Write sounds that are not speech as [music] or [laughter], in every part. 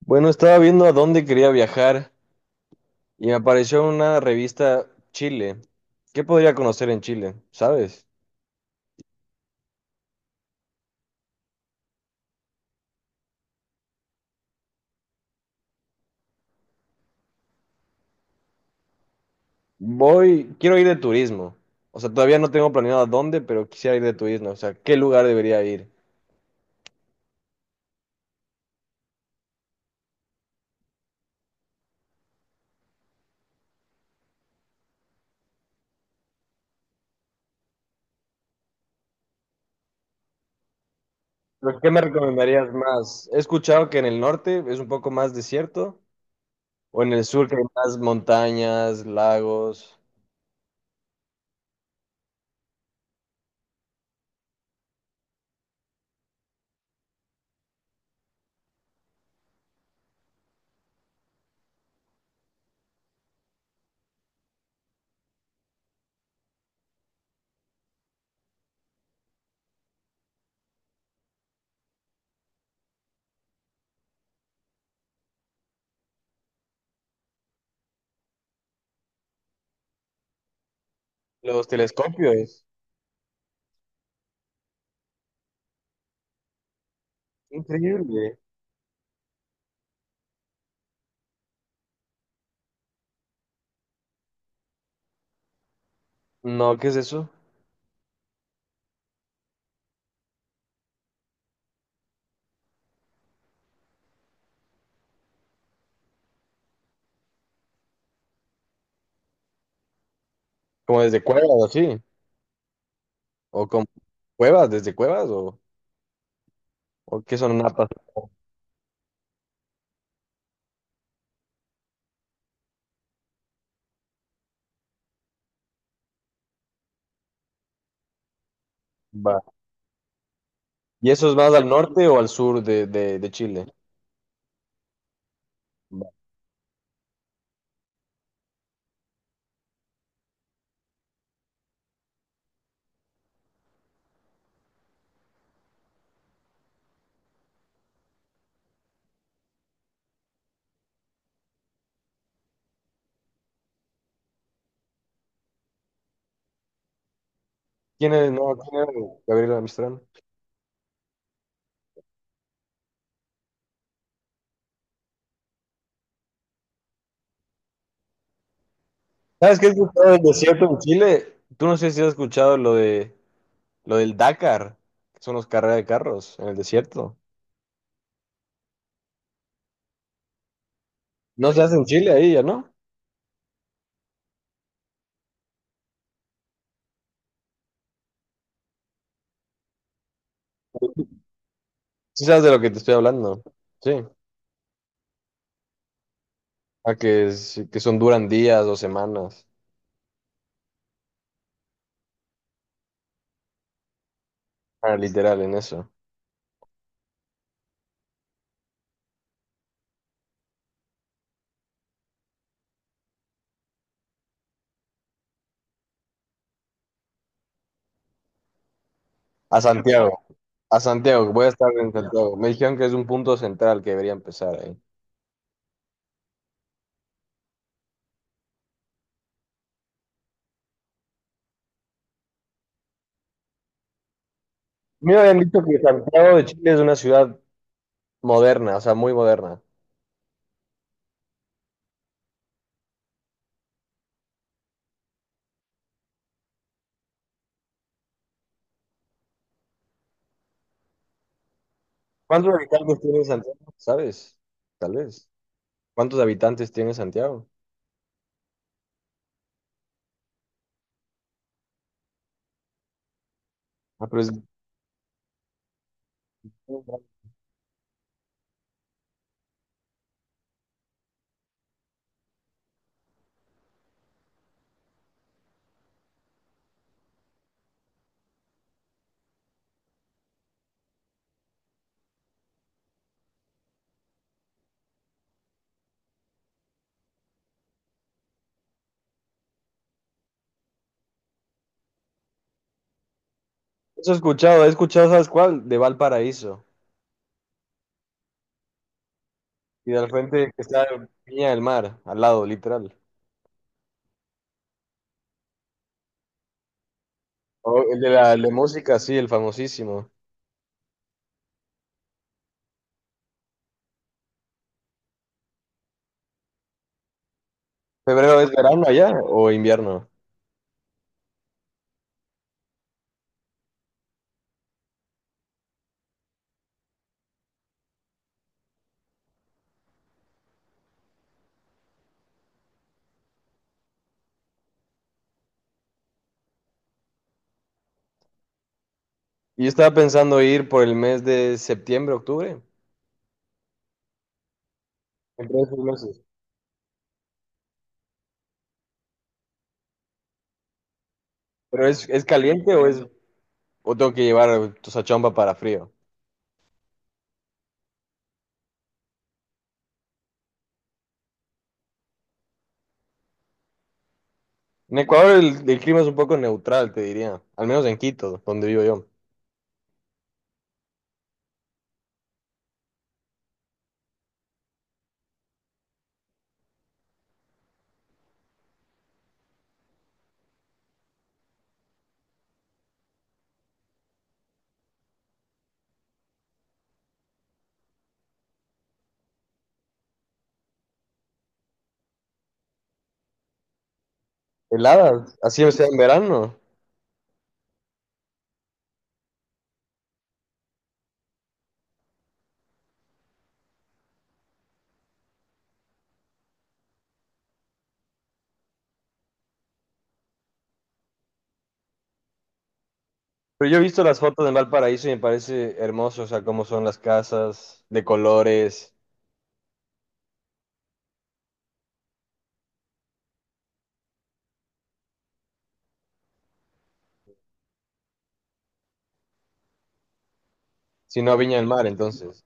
Bueno, estaba viendo a dónde quería viajar y me apareció una revista Chile. ¿Qué podría conocer en Chile? ¿Sabes? Voy, quiero ir de turismo. O sea, todavía no tengo planeado a dónde, pero quisiera ir de turismo. O sea, ¿qué lugar debería ir? ¿Pero qué me recomendarías más? He escuchado que en el norte es un poco más desierto, o en el sur que hay más montañas, lagos, los telescopios. Increíble. No, ¿qué es eso? ¿Como desde cuevas o así? ¿O como cuevas, desde cuevas o...? ¿O qué son napas? Va. ¿Y eso es más al norte o al sur de, de Chile? Va. ¿Quién es? No, ¿quién era Gabriela Mistral? ¿Sabes qué he escuchado del desierto en Chile? Tú no sé si has escuchado lo de lo del Dakar, que son los carreras de carros en el desierto. No se hace en Chile ahí, ¿ya no? Sí sabes de lo que te estoy hablando. Sí. A que, que son duran días o semanas. Ah, literal, en eso. A Santiago. A Santiago, voy a estar en Santiago. Me dijeron que es un punto central que debería empezar ahí. Me habían dicho que Santiago de Chile es una ciudad moderna, o sea, muy moderna. ¿Cuántos habitantes tiene Santiago? ¿Sabes? Tal vez. ¿Cuántos habitantes tiene Santiago? Ah, pero Eso he escuchado, ¿sabes cuál? De Valparaíso. Y del frente que está Viña del Mar, al lado, literal. O el de música, sí, el famosísimo. ¿Febrero es verano allá o invierno? Yo estaba pensando ir por el mes de septiembre, octubre. En tres meses. ¿Pero es caliente o es O tengo que llevar tu sachompa para frío. En Ecuador el clima es un poco neutral, te diría. Al menos en Quito, donde vivo yo. Heladas, así sea en verano. Pero yo he visto las fotos en Valparaíso y me parece hermoso, o sea, cómo son las casas, de colores. Si no, Viña del Mar, entonces.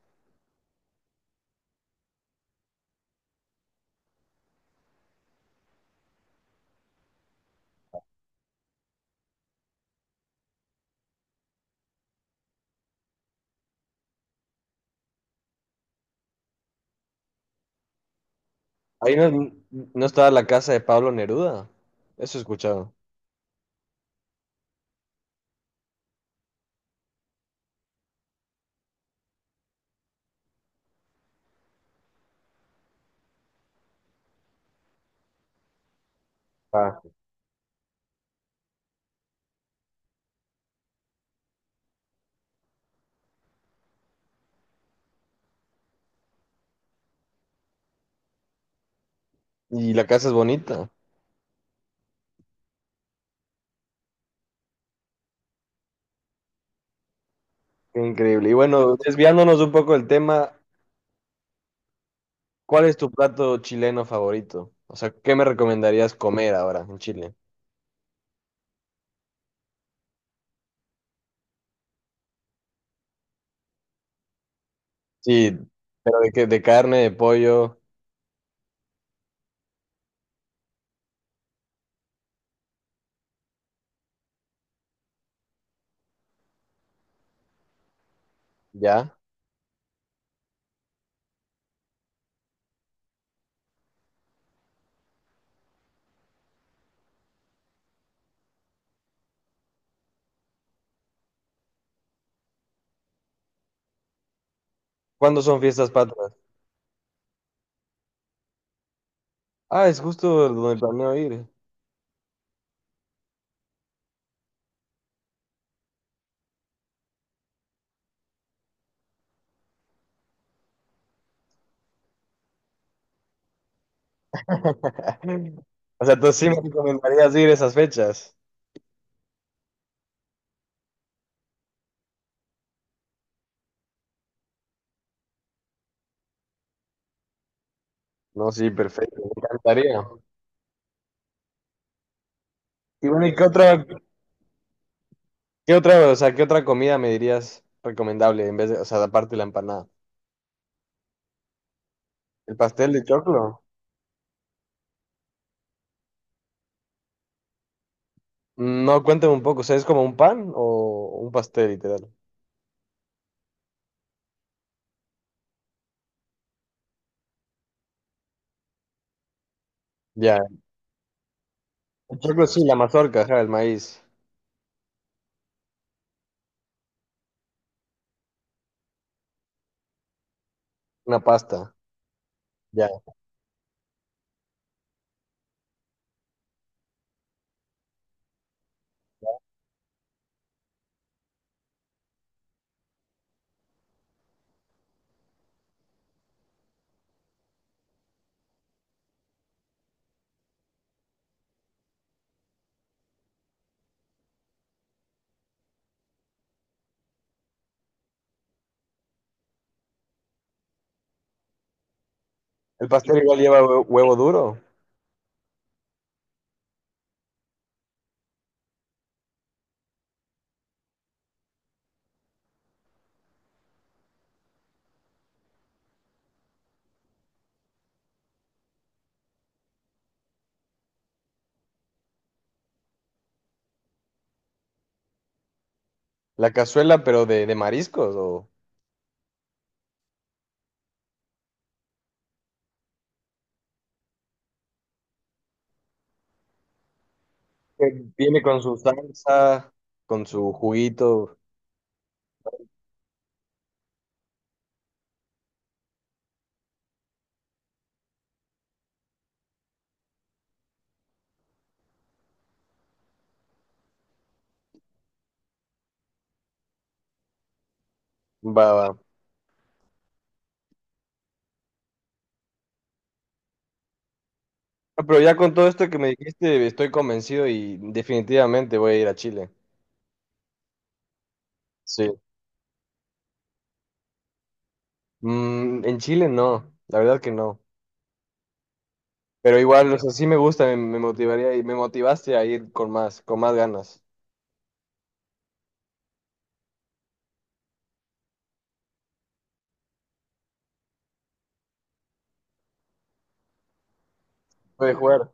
Ahí no, no estaba la casa de Pablo Neruda. Eso he escuchado. Ah, y la casa es bonita. Qué increíble. Y bueno, desviándonos un poco del tema, ¿cuál es tu plato chileno favorito? O sea, ¿qué me recomendarías comer ahora en Chile? Sí, pero de, que, de carne, de pollo, ya. ¿Cuándo son fiestas patrias? Ah, es justo donde planeo ir. [laughs] O sea, tú sí me recomendarías ir esas fechas. No, sí, perfecto, me encantaría. Y bueno, ¿y qué otra, o sea, qué otra comida me dirías recomendable en vez de, o sea, aparte de la empanada? ¿El pastel de choclo? No, cuéntame un poco, o sea, ¿es como un pan o un pastel, literal? Ya, el choclo sí, la mazorca, ajá, el maíz, una pasta, ya. ¿El pastel igual lleva huevo duro? La cazuela, pero de mariscos, o que viene con su salsa, con su juguito, va, va. Ah, pero ya con todo esto que me dijiste, estoy convencido y definitivamente voy a ir a Chile. Sí. Mm, en Chile no, la verdad que no. Pero igual, o sea, sí me gusta, me motivaría y me motivaste a ir con más ganas. Puede jugar.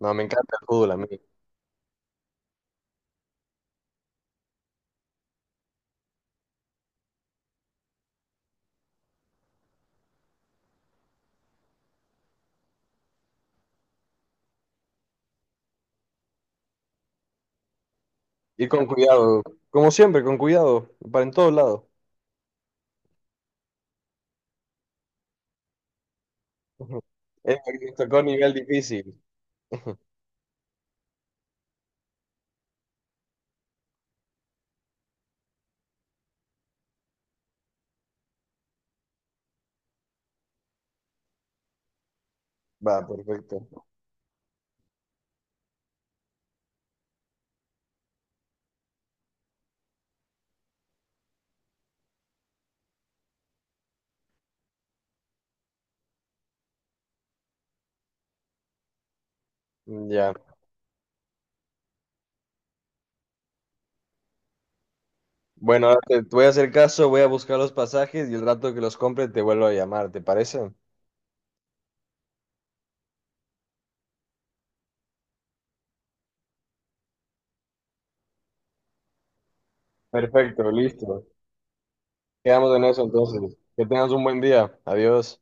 No, me encanta el fútbol a mí. Ir con cuidado, como siempre, con cuidado, para en todos lados. [laughs] Esto tocó nivel difícil. Va, perfecto. Ya. Bueno, ahora te, te voy a hacer caso, voy a buscar los pasajes y el rato que los compre te vuelvo a llamar, ¿te parece? Perfecto, listo. Quedamos en eso entonces. Que tengas un buen día. Adiós.